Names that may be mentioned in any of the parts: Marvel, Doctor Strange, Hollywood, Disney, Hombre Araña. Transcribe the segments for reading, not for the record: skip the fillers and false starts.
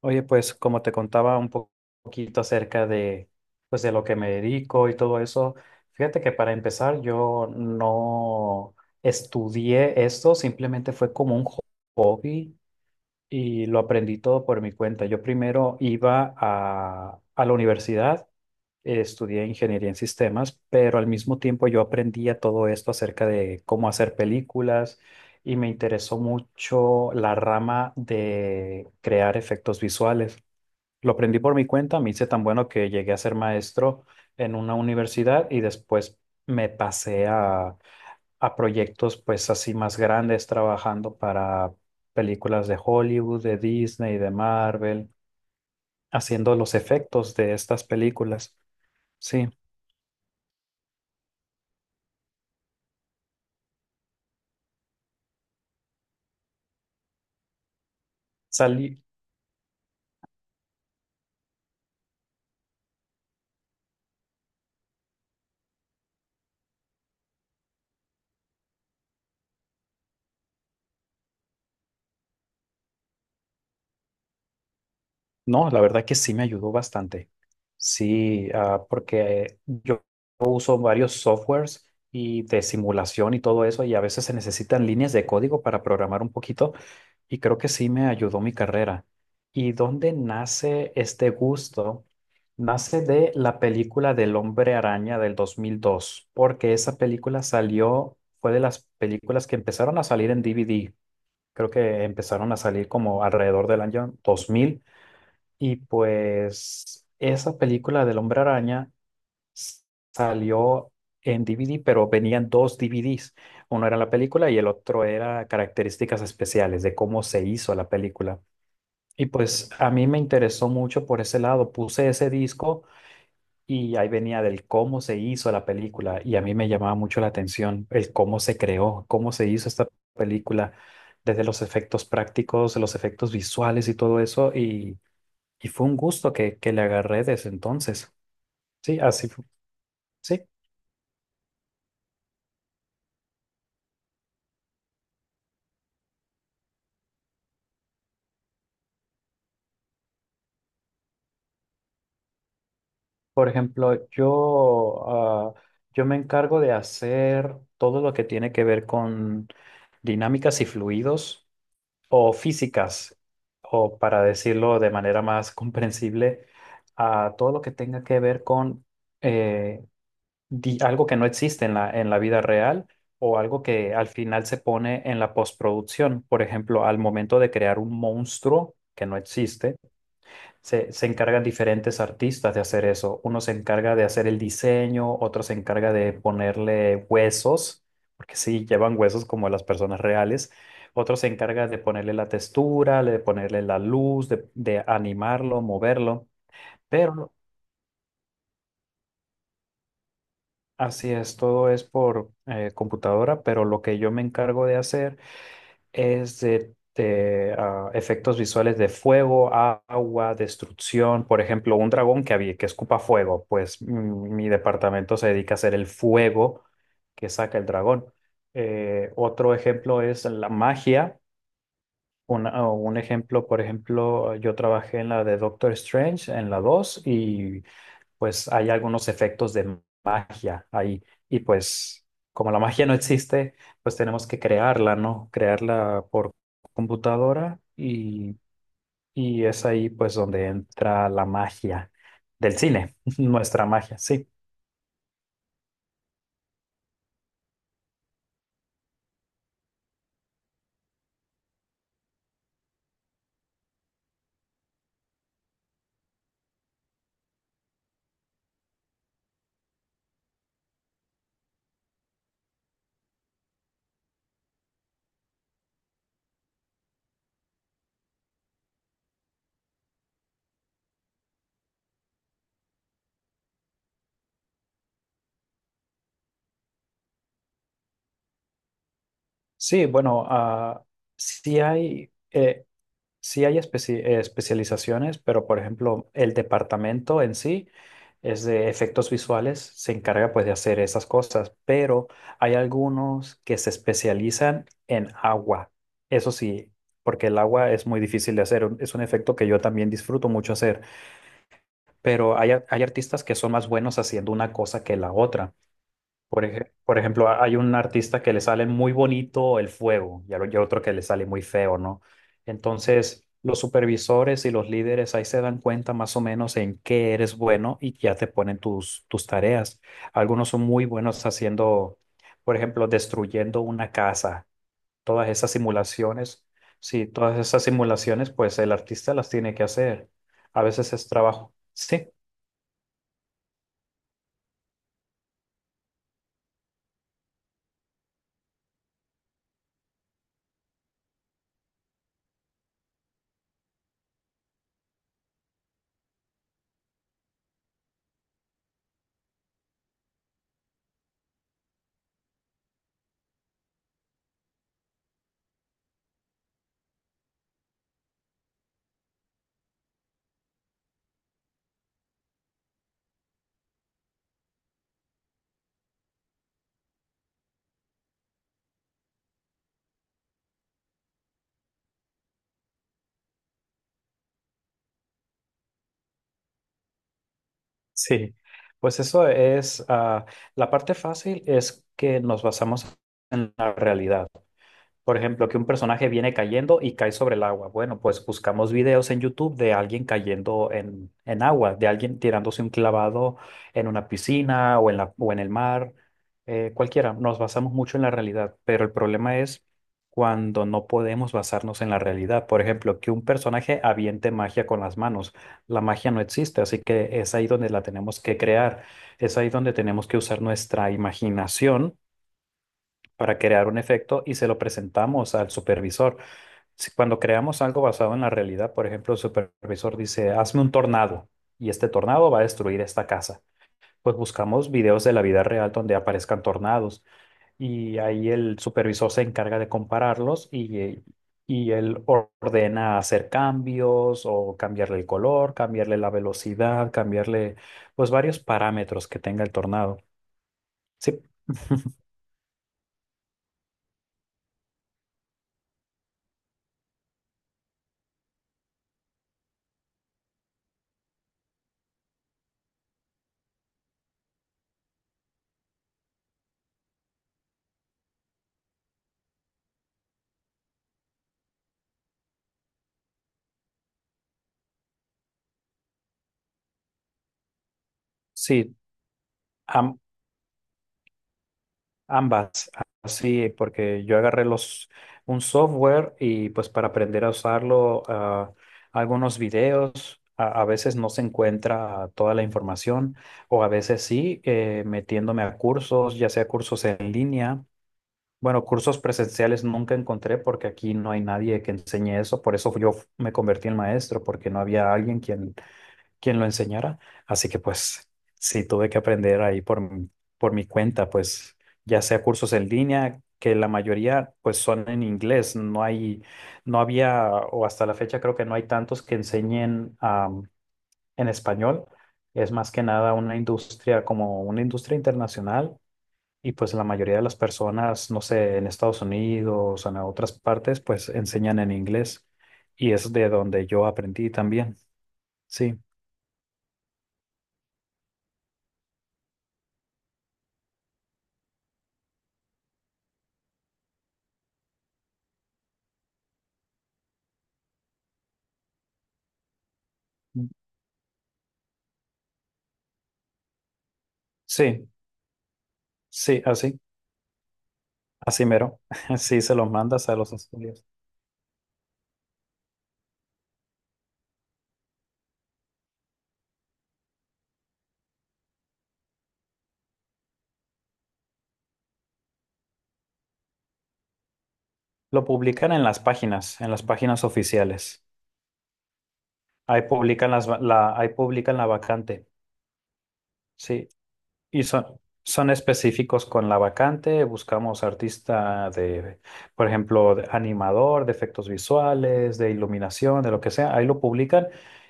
Oye, pues como te contaba poquito acerca de, pues, de lo que me dedico y todo eso, fíjate que para empezar yo no estudié esto, simplemente fue como hobby y lo aprendí todo por mi cuenta. Yo primero iba a la universidad, estudié ingeniería en sistemas, pero al mismo tiempo yo aprendía todo esto acerca de cómo hacer películas y me interesó mucho la rama de crear efectos visuales. Lo aprendí por mi cuenta, me hice tan bueno que llegué a ser maestro en una universidad y después me pasé a, a proyectos pues así más grandes trabajando para películas de Hollywood, de Disney, de Marvel, haciendo los efectos de estas películas. Sí, salí, no, la verdad que sí me ayudó bastante. Sí, porque yo son varios softwares y de simulación y todo eso, y a veces se necesitan líneas de código para programar un poquito, y creo que sí me ayudó mi carrera. ¿Y dónde nace este gusto? Nace de la película del Hombre Araña del 2002, porque esa película salió, fue de las películas que empezaron a salir en DVD. Creo que empezaron a salir como alrededor del año 2000, y pues esa película del Hombre Araña salió en DVD, pero venían dos DVDs. Uno era la película y el otro era características especiales de cómo se hizo la película. Y pues a mí me interesó mucho por ese lado. Puse ese disco y ahí venía del cómo se hizo la película y a mí me llamaba mucho la atención el cómo se creó, cómo se hizo esta película, desde los efectos prácticos, los efectos visuales y todo eso. Y fue un gusto que le agarré desde entonces. Sí, así, sí. Por ejemplo, yo me encargo de hacer todo lo que tiene que ver con dinámicas y fluidos o físicas, o para decirlo de manera más comprensible, a todo lo que tenga que ver con eh, algo que no existe en la vida real o algo que al final se pone en la postproducción. Por ejemplo, al momento de crear un monstruo que no existe se encargan diferentes artistas de hacer eso. Uno se encarga de hacer el diseño, otro se encarga de ponerle huesos, porque sí, llevan huesos como las personas reales. Otro se encarga de ponerle la textura, de ponerle la luz, de animarlo, moverlo. Pero así es, todo es por computadora, pero lo que yo me encargo de hacer es efectos visuales de fuego, agua, destrucción. Por ejemplo, un dragón que escupa fuego, pues mi departamento se dedica a hacer el fuego que saca el dragón. Otro ejemplo es la magia. Un ejemplo, por ejemplo, yo trabajé en la de Doctor Strange, en la 2 y pues hay algunos efectos de magia ahí. Y pues como la magia no existe, pues tenemos que crearla, ¿no? Crearla por computadora y es ahí pues donde entra la magia del cine, nuestra magia, sí. Sí, bueno, sí hay... eh, sí hay especializaciones, pero por ejemplo, el departamento en sí es de efectos visuales, se encarga pues de hacer esas cosas, pero hay algunos que se especializan en agua. Eso sí, porque el agua es muy difícil de hacer, es un efecto que yo también disfruto mucho hacer, pero hay, hay artistas que son más buenos haciendo una cosa que la otra. Por ejemplo, hay un artista que le sale muy bonito el fuego y a otro que le sale muy feo, ¿no? Entonces, los supervisores y los líderes ahí se dan cuenta más o menos en qué eres bueno y ya te ponen tus tareas. Algunos son muy buenos haciendo, por ejemplo, destruyendo una casa. Todas esas simulaciones, sí, todas esas simulaciones, pues el artista las tiene que hacer. A veces es trabajo. Sí. Sí, pues eso es, la parte fácil es que nos basamos en la realidad. Por ejemplo, que un personaje viene cayendo y cae sobre el agua. Bueno, pues buscamos videos en YouTube de alguien cayendo en agua, de alguien tirándose un clavado en una piscina o en el mar, cualquiera. Nos basamos mucho en la realidad, pero el problema es cuando no podemos basarnos en la realidad. Por ejemplo, que un personaje aviente magia con las manos. La magia no existe, así que es ahí donde la tenemos que crear. Es ahí donde tenemos que usar nuestra imaginación para crear un efecto y se lo presentamos al supervisor. Si cuando creamos algo basado en la realidad, por ejemplo, el supervisor dice, hazme un tornado y este tornado va a destruir esta casa. Pues buscamos videos de la vida real donde aparezcan tornados y ahí el supervisor se encarga de compararlos y él ordena hacer cambios o cambiarle el color, cambiarle la velocidad, cambiarle pues varios parámetros que tenga el tornado. Sí, sí. Am- Ambas, sí porque yo agarré los, un software y pues para aprender a usarlo, algunos videos, a veces no se encuentra toda la información o a veces sí, metiéndome a cursos, ya sea cursos en línea. Bueno, cursos presenciales nunca encontré porque aquí no hay nadie que enseñe eso, por eso yo me convertí en maestro, porque no había alguien quien quien lo enseñara. Así que pues sí, tuve que aprender ahí por mi cuenta, pues ya sea cursos en línea, que la mayoría pues son en inglés, no hay, no había, o hasta la fecha creo que no hay tantos que enseñen en español. Es más que nada una industria como una industria internacional y pues la mayoría de las personas, no sé, en Estados Unidos o en otras partes, pues enseñan en inglés y es de donde yo aprendí también. Sí, sí. Sí, así, así mero. Sí, se los mandas a los estudios. Lo publican en las páginas oficiales. Ahí publican ahí publican la vacante. Sí, y son, son específicos con la vacante. Buscamos artista de, por ejemplo, de animador, de efectos visuales, de iluminación, de lo que sea. Ahí lo publican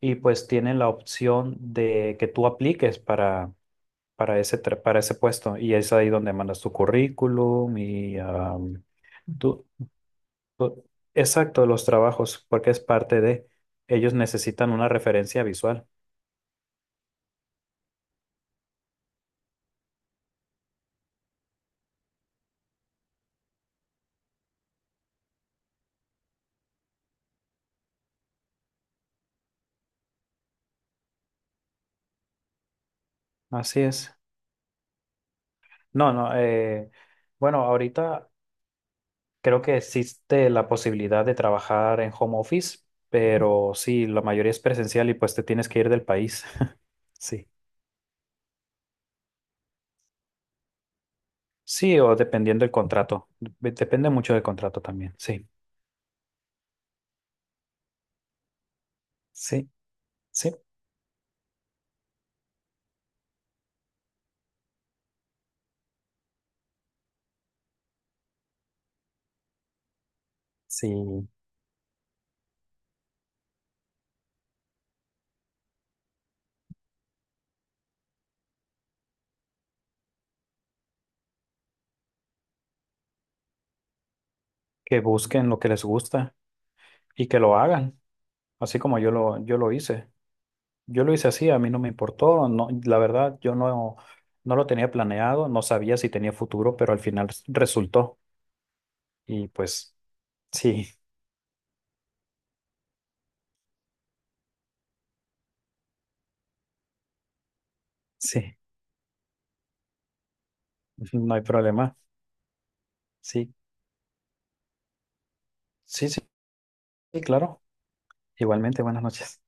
y pues tienen la opción de que tú apliques para ese, para ese puesto. Y es ahí donde mandas tu currículum y tú, tú- exacto, los trabajos, porque es parte de, ellos necesitan una referencia visual. Así es. No, no, bueno, ahorita creo que existe la posibilidad de trabajar en home office, pero sí, la mayoría es presencial y pues te tienes que ir del país. Sí. Sí, o dependiendo del contrato. Depende mucho del contrato también. Sí. Sí, sí, sí. Que busquen lo que les gusta y que lo hagan, así como yo lo hice. Yo lo hice así, a mí no me importó, no, la verdad, yo no, no lo tenía planeado, no sabía si tenía futuro, pero al final resultó. Y pues sí, sí, no hay problema. Sí, sí, sí, sí, claro. Igualmente, buenas noches.